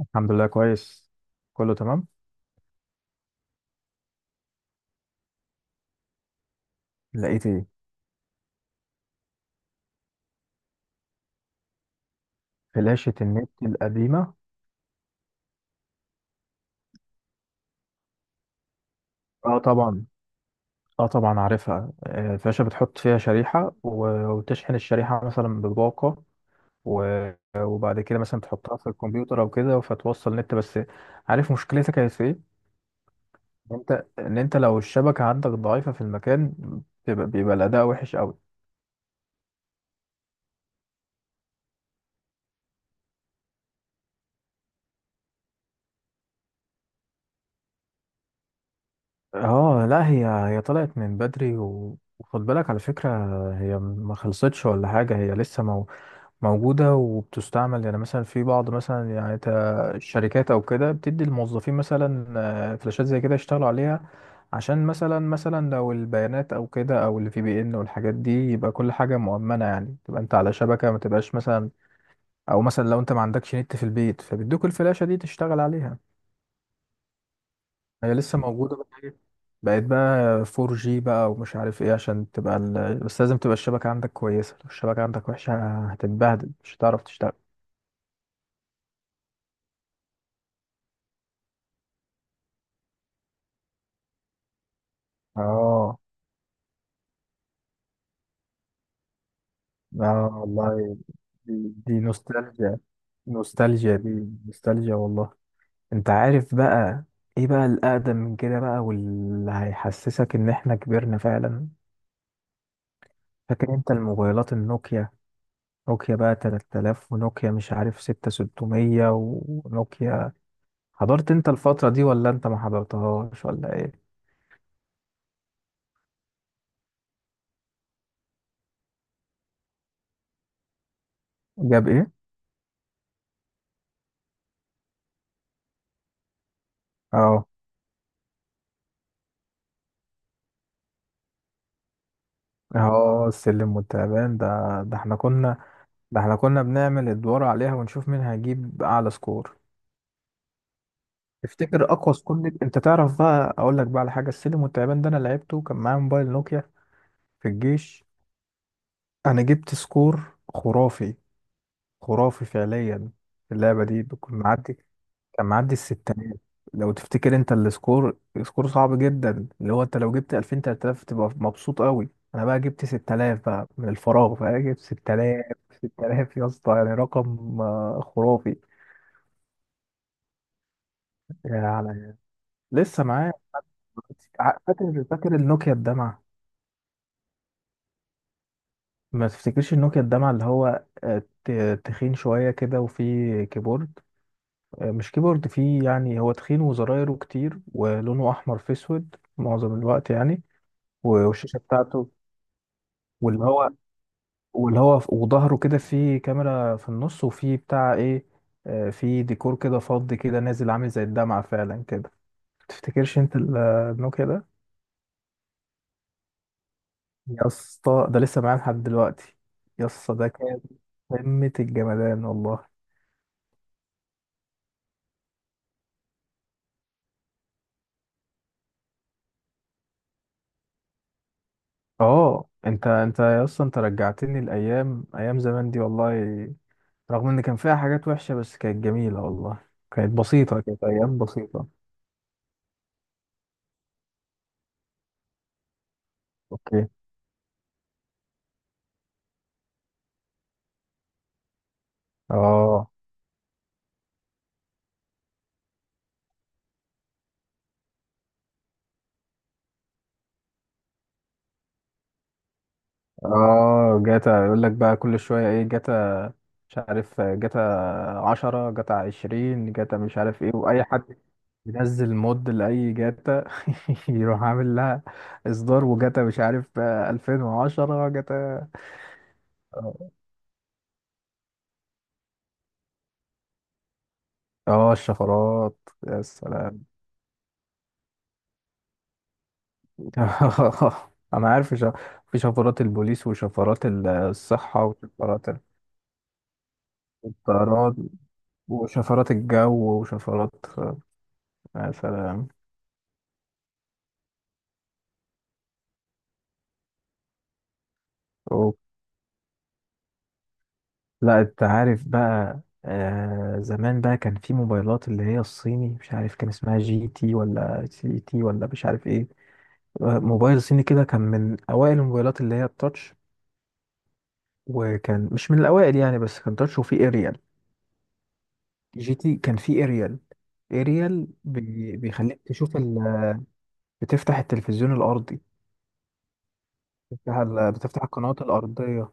الحمد لله كويس. كله تمام. لقيت ايه. فلاشة النت القديمة. اه طبعا. اه طبعا عارفها، الفلاشة بتحط فيها شريحة وتشحن الشريحة مثلا بباقة و- وبعد كده مثلا تحطها في الكمبيوتر او كده فتوصل نت بس. عارف مشكلتها كانت في ايه؟ ان انت لو الشبكة عندك ضعيفة في المكان بيبقى الاداء وحش قوي. اه، لا هي طلعت من بدري وخد بالك على فكرة، هي ما خلصتش ولا حاجة، هي لسه موجودة وبتستعمل، يعني مثلا في بعض مثلا يعني الشركات أو كده بتدي الموظفين مثلا فلاشات زي كده يشتغلوا عليها. عشان مثلا لو البيانات أو كده أو الفي بي إن والحاجات دي يبقى كل حاجة مؤمنة، يعني تبقى أنت على شبكة، ما تبقاش مثلا. أو مثلا لو أنت ما عندكش نت في البيت فبيدوك الفلاشة دي تشتغل عليها. هي لسه موجودة بقى بقت بقى 4G بقى ومش عارف إيه، عشان تبقى بس لازم تبقى الشبكة عندك كويسة، لو الشبكة عندك وحشة هتتبهدل، مش هتعرف تشتغل. اه. اه والله، دي نوستالجيا. نوستالجيا دي، نوستالجيا والله. انت عارف بقى ايه بقى الاقدم من كده بقى واللي هيحسسك ان احنا كبرنا فعلا؟ فاكر انت الموبايلات النوكيا؟ نوكيا بقى 3000 ونوكيا مش عارف 6600 ونوكيا، حضرت انت الفترة دي ولا انت ما حضرتهاش ولا ايه؟ جاب ايه. اه. اه، السلم والتعبان ده، ده احنا كنا ده احنا كنا بنعمل ادوار عليها ونشوف مين هيجيب اعلى سكور. تفتكر اقوى سكون؟ انت تعرف بقى، اقول لك بقى على حاجه، السلم والتعبان ده انا لعبته كان معايا موبايل نوكيا في الجيش، انا جبت سكور خرافي، خرافي فعليا. في اللعبه دي كنت معدي، كان معدي الستينات. لو تفتكر انت السكور، سكور صعب جدا اللي هو انت لو جبت 2000 3000 تبقى مبسوط قوي. انا بقى جبت 6000 بقى، من الفراغ بقى جبت 6000. 6000 يا اسطى، يعني رقم خرافي يعني. لسه معايا. فاكر، فاكر النوكيا الدمعه؟ ما تفتكرش النوكيا الدمع اللي هو تخين شوية كده وفيه كيبورد، مش كيبورد، فيه يعني هو تخين وزرايره كتير ولونه أحمر في أسود معظم الوقت يعني. والشاشة بتاعته، واللي هو واللي هو وظهره كده فيه كاميرا في النص وفيه بتاع إيه، فيه ديكور كده فضي كده نازل عامل زي الدمعة فعلا كده. تفتكرش أنت النوكيا ده؟ يا اسطى، ده لسه معايا لحد دلوقتي. يا اسطى ده كان قمة الجمدان والله. اه انت اصلا انت رجعتني الايام، ايام زمان دي والله. رغم ان كان فيها حاجات وحشه بس كانت جميله والله، كانت بسيطه، كانت ايام بسيطه. اوكي. اه. اه، جاتا يقول لك بقى كل شويه ايه، جاتا، مش عارف جاتا، 10 جاتا، 20 جاتا، مش عارف ايه، واي حد ينزل مود لاي جاتا. يروح عامل لها اصدار وجاتا مش عارف 2010 جاتا. اه. الشفرات، يا سلام. انا عارف شا... في شفرات البوليس وشفرات الصحة وشفرات الطيران وشفرات الجو وشفرات، يا سلام. أوه. لا انت عارف بقى، آه زمان بقى كان في موبايلات اللي هي الصيني، مش عارف كان اسمها جي تي ولا سي تي ولا مش عارف ايه. موبايل صيني كده كان من اوائل الموبايلات اللي هي التاتش، وكان مش من الاوائل يعني بس كان تاتش وفيه اريال. جي تي كان فيه اريال، اريال بيخليك تشوف، بتفتح التلفزيون الأرضي، بتفتح القنوات الأرضية.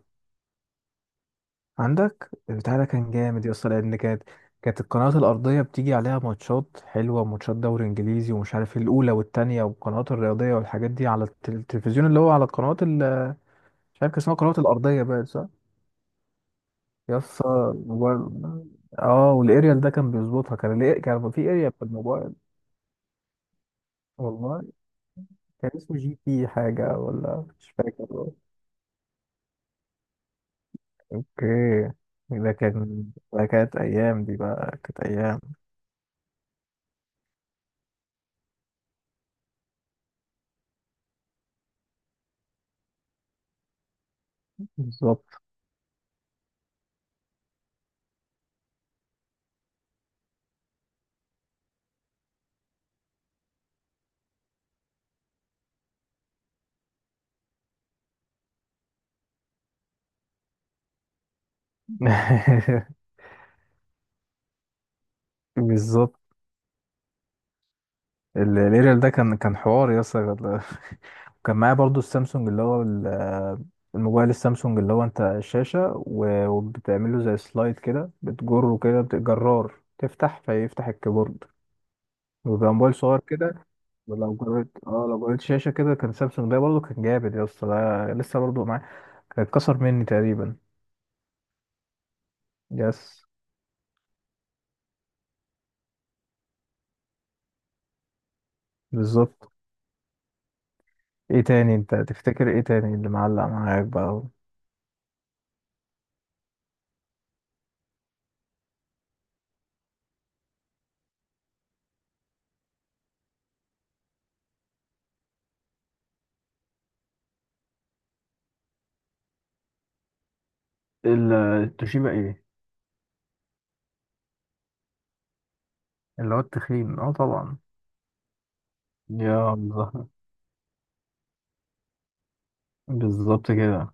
عندك البتاع ده كان جامد يا اسطى، لأن كانت القنوات الأرضية بتيجي عليها ماتشات حلوة، ماتشات دوري إنجليزي ومش عارف إيه، الأولى والتانية والقنوات الرياضية والحاجات دي، على التلفزيون اللي هو على القنوات مش عارف كان اسمها القنوات الأرضية بقى، صح؟ يا اسطى الموبايل، اه والاريال ده كان بيظبطها، كان ليه كان في اريال في الموبايل؟ والله كان اسمه جي تي حاجة ولا مش فاكر. اوكي. ده كان، ده كانت ايام دي بقى، كانت ايام. بالظبط. بالظبط. الاريال ده كان حوار يا اسطى ال-. وكان معايا برضو السامسونج اللي هو ال-، الموبايل السامسونج اللي هو انت الشاشة وبتعمله زي سلايد كده، بتجره كده، جرار، تفتح فيفتح الكيبورد وبيبقى موبايل صغير كده. ولو جريت، اه لو جريت شاشة كده، كان سامسونج ده برضو كان جامد يا اسطى، ده لسه برضو معايا، كان اتكسر مني تقريبا. يس. بالظبط. ايه تاني، انت تفتكر ايه تاني اللي معلق معاك بقى؟ التوشيبا ايه. اللي هو التخين، اه طبعا. يا الله. بالظبط كده.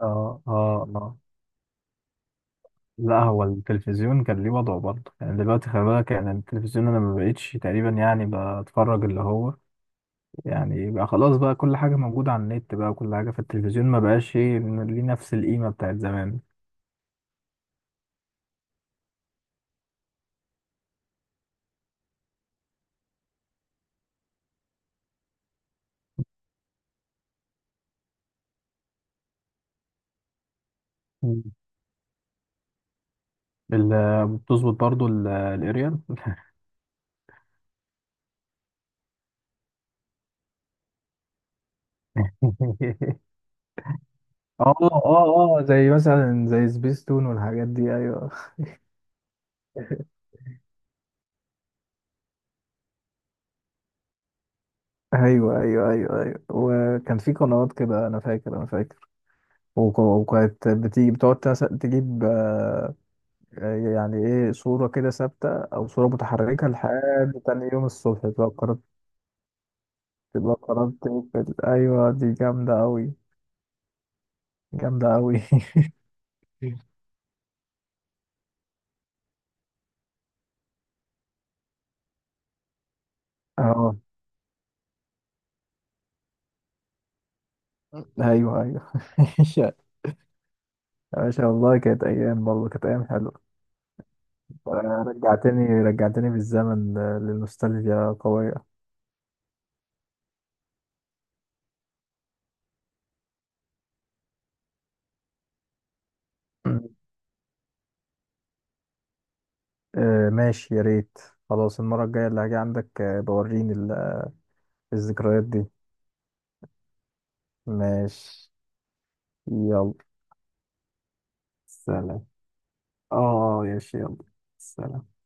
اه. اه. اه، لا هو التلفزيون كان ليه وضعه برضه يعني، دلوقتي خلي بالك يعني التلفزيون انا ما بقتش تقريبا يعني بتفرج اللي هو، يعني بقى خلاص بقى كل حاجه موجوده على النت بقى، وكل حاجه في التلفزيون ما بقاش ايه ليه نفس القيمه بتاعت زمان. مم. بتظبط برضه الاريال. اه. اه. اه، زي مثلا زي سبيس تون والحاجات دي، ايوه. ايوه، ايوه، ايوه، ايوه، وكان في قنوات كده انا فاكر، انا فاكر وكانت بتيجي بتقعد تجيب يعني ايه، صورة كده ثابتة او صورة متحركة لحد تاني يوم الصبح تبقى قررت، تبقى قررت تقفل. ايوه دي جامدة اوي، جامدة اوي. اه، ايوه، ايوه. يا باشا والله كانت ايام برضه، كانت ايام حلوة. رجعتني، رجعتني بالزمن للنوستالجيا قوية. مم. آه ماشي، يا ريت. خلاص المرة الجاية اللي هاجي عندك بوريني الذكريات دي. ماشي. يلا. سلام. اه. يا شيخ يلا. سلام.